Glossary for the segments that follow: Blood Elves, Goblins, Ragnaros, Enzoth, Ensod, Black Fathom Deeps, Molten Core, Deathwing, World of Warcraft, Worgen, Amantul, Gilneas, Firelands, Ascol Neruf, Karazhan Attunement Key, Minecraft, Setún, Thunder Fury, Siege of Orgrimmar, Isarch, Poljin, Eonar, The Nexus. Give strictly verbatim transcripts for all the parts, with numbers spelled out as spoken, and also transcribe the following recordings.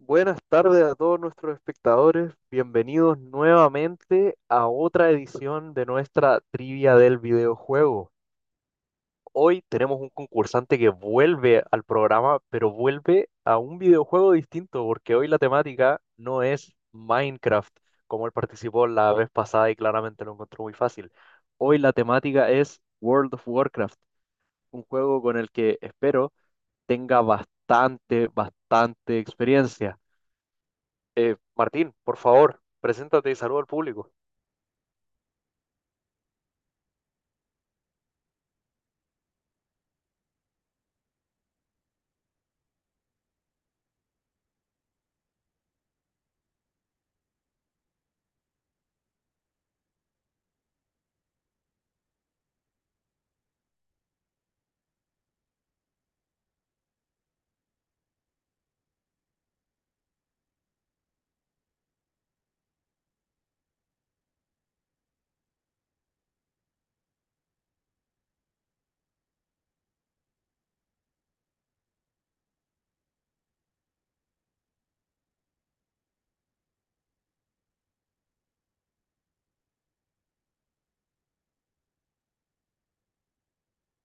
Buenas tardes a todos nuestros espectadores, bienvenidos nuevamente a otra edición de nuestra trivia del videojuego. Hoy tenemos un concursante que vuelve al programa, pero vuelve a un videojuego distinto, porque hoy la temática no es Minecraft, como él participó la vez pasada y claramente lo encontró muy fácil. Hoy la temática es World of Warcraft, un juego con el que espero tenga bastante, bastante experiencia. Eh, Martín, por favor, preséntate y saluda al público.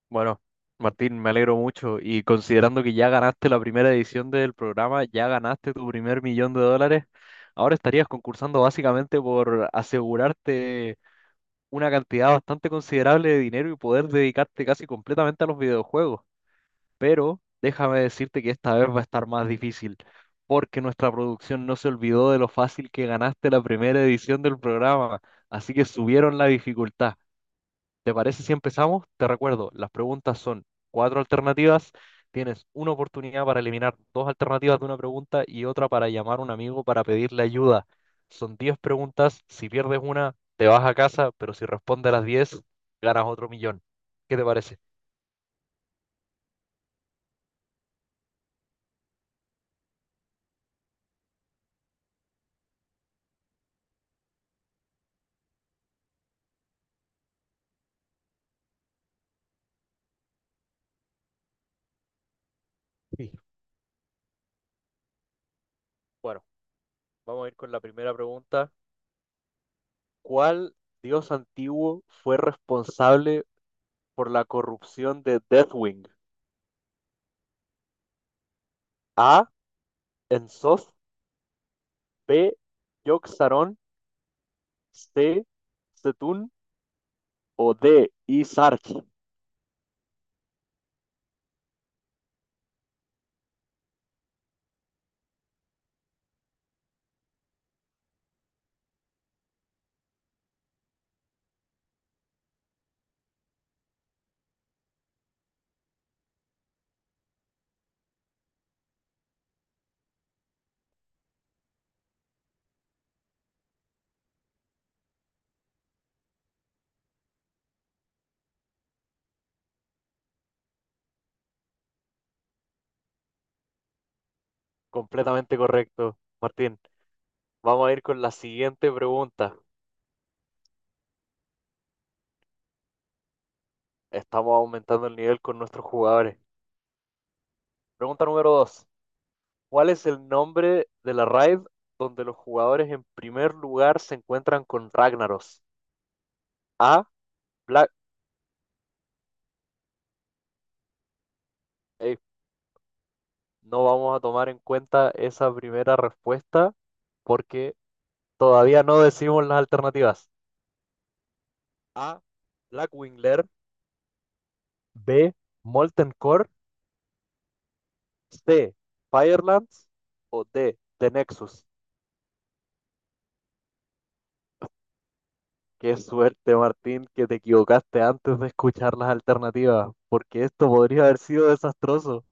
Bueno, Martín, me alegro mucho y considerando que ya ganaste la primera edición del programa, ya ganaste tu primer millón de dólares, ahora estarías concursando básicamente por asegurarte una cantidad bastante considerable de dinero y poder dedicarte casi completamente a los videojuegos. Pero déjame decirte que esta vez va a estar más difícil, porque nuestra producción no se olvidó de lo fácil que ganaste la primera edición del programa, así que subieron la dificultad. ¿Te parece si empezamos? Te recuerdo, las preguntas son cuatro alternativas. Tienes una oportunidad para eliminar dos alternativas de una pregunta y otra para llamar a un amigo para pedirle ayuda. Son diez preguntas. Si pierdes una, te vas a casa, pero si respondes a las diez ganas otro millón. ¿Qué te parece? Sí. Bueno, vamos a ir con la primera pregunta. ¿Cuál dios antiguo fue responsable por la corrupción de Deathwing? A. Enzoth. B. Yogg. C. Setún o D. Isarch. Completamente correcto, Martín. Vamos a ir con la siguiente pregunta. Estamos aumentando el nivel con nuestros jugadores. Pregunta número dos. ¿Cuál es el nombre de la raid donde los jugadores en primer lugar se encuentran con Ragnaros? A, Black... eh, no vamos a tomar en cuenta esa primera respuesta porque todavía no decimos las alternativas. A, Blackwingler. B, Molten Core. C, Firelands o D, The Nexus. Qué suerte, Martín, que te equivocaste antes de escuchar las alternativas, porque esto podría haber sido desastroso.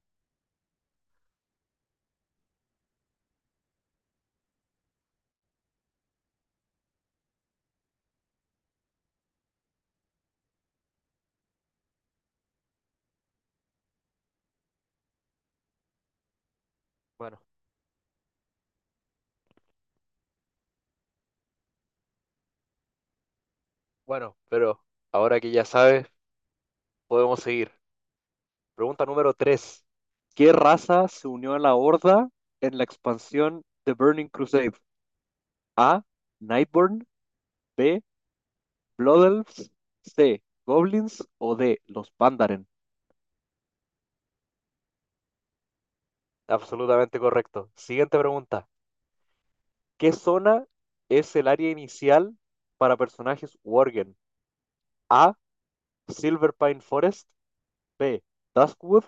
Bueno, bueno, pero ahora que ya sabes, podemos seguir. Pregunta número tres. ¿Qué raza se unió a la Horda en la expansión The Burning Crusade? A, Nightborn. B, Blood Elves. C, Goblins o D, los Pandaren. Absolutamente correcto. Siguiente pregunta. ¿Qué zona es el área inicial para personajes Worgen? A. Silver Pine Forest. B. Duskwood.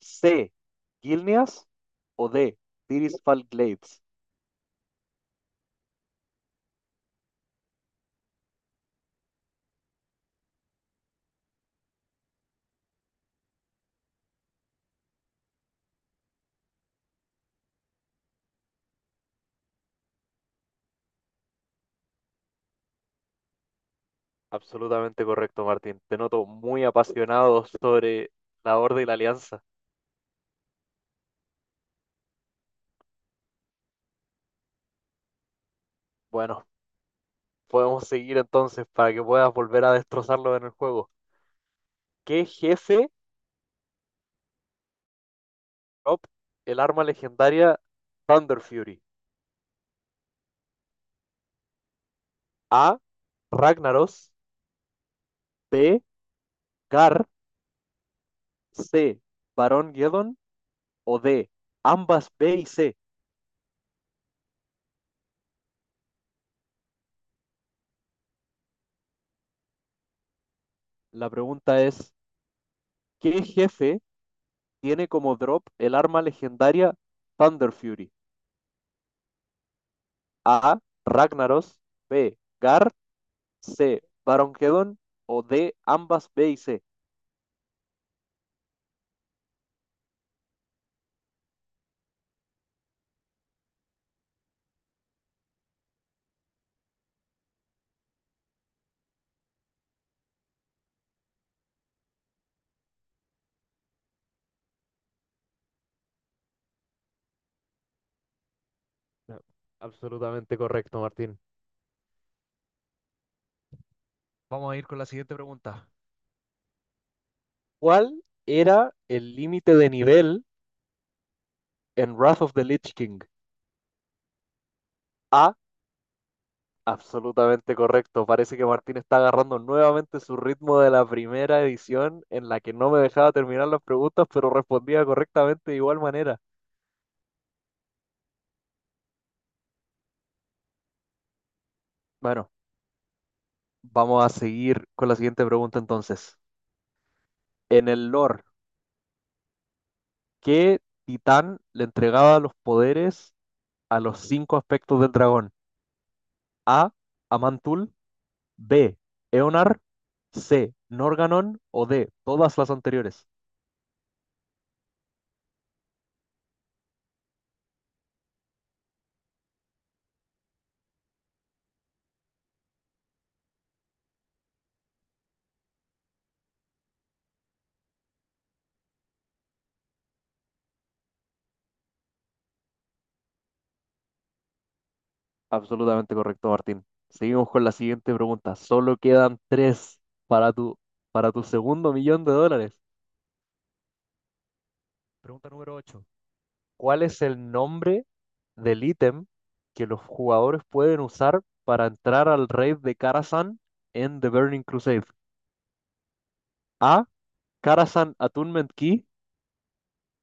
C. Gilneas. O D. Tirisfal Glades. Absolutamente correcto, Martín. Te noto muy apasionado sobre la Horda y la Alianza. Bueno, podemos seguir entonces para que puedas volver a destrozarlo en el juego. ¿Qué jefe drop el arma legendaria Thunder Fury? A. Ragnaros. B. Gar. C. Barón Geddon o D. ambas B y C. La pregunta es, ¿qué jefe tiene como drop el arma legendaria Thunder Fury? A, Ragnaros. B, Gar. C, Barón Geddon o D, ambas B y C. No, absolutamente correcto, Martín. Vamos a ir con la siguiente pregunta. ¿Cuál era el límite de nivel en Wrath of the Lich King? A, absolutamente correcto. Parece que Martín está agarrando nuevamente su ritmo de la primera edición en la que no me dejaba terminar las preguntas, pero respondía correctamente de igual manera. Bueno, vamos a seguir con la siguiente pregunta entonces. En el lore, ¿qué titán le entregaba los poderes a los cinco aspectos del dragón? A. Amantul. B. Eonar. C. Norganon o D. Todas las anteriores. Absolutamente correcto, Martín. Seguimos con la siguiente pregunta. Solo quedan tres para tu, para tu segundo millón de dólares. Pregunta número ocho. ¿Cuál es el nombre del ítem que los jugadores pueden usar para entrar al raid de Karazhan en The Burning Crusade? A. Karazhan Attunement Key.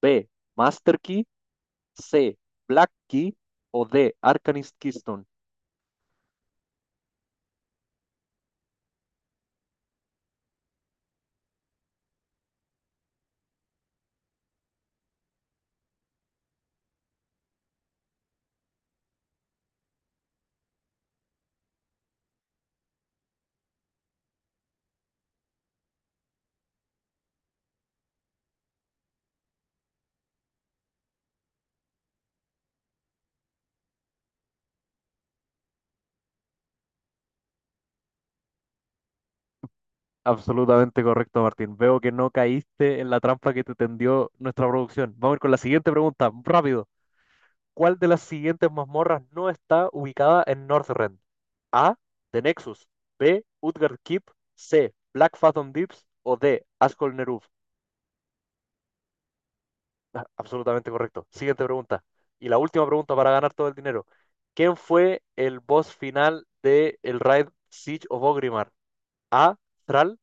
B. Master Key. C. Black Key. O D. Arcanist Keystone. Absolutamente correcto, Martín. Veo que no caíste en la trampa que te tendió nuestra producción. Vamos a ir con la siguiente pregunta, rápido. ¿Cuál de las siguientes mazmorras no está ubicada en Northrend? A. The Nexus. B. Utgard Keep. C. Black Fathom Deeps. O D. Ascol Neruf. Ah, absolutamente correcto. Siguiente pregunta. Y la última pregunta para ganar todo el dinero. ¿Quién fue el boss final de el raid Siege of Orgrimmar? A. Thrall.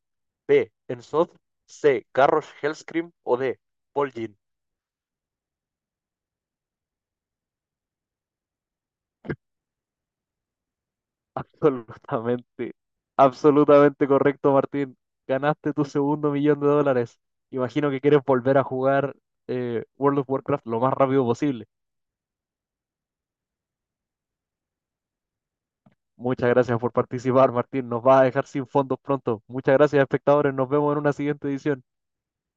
B. Ensod. C. Garrosh Hellscream. O D. Poljin. Absolutamente, absolutamente correcto, Martín. Ganaste tu segundo millón de dólares. Imagino que quieres volver a jugar eh, World of Warcraft lo más rápido posible. Muchas gracias por participar, Martín. Nos va a dejar sin fondos pronto. Muchas gracias, espectadores. Nos vemos en una siguiente edición.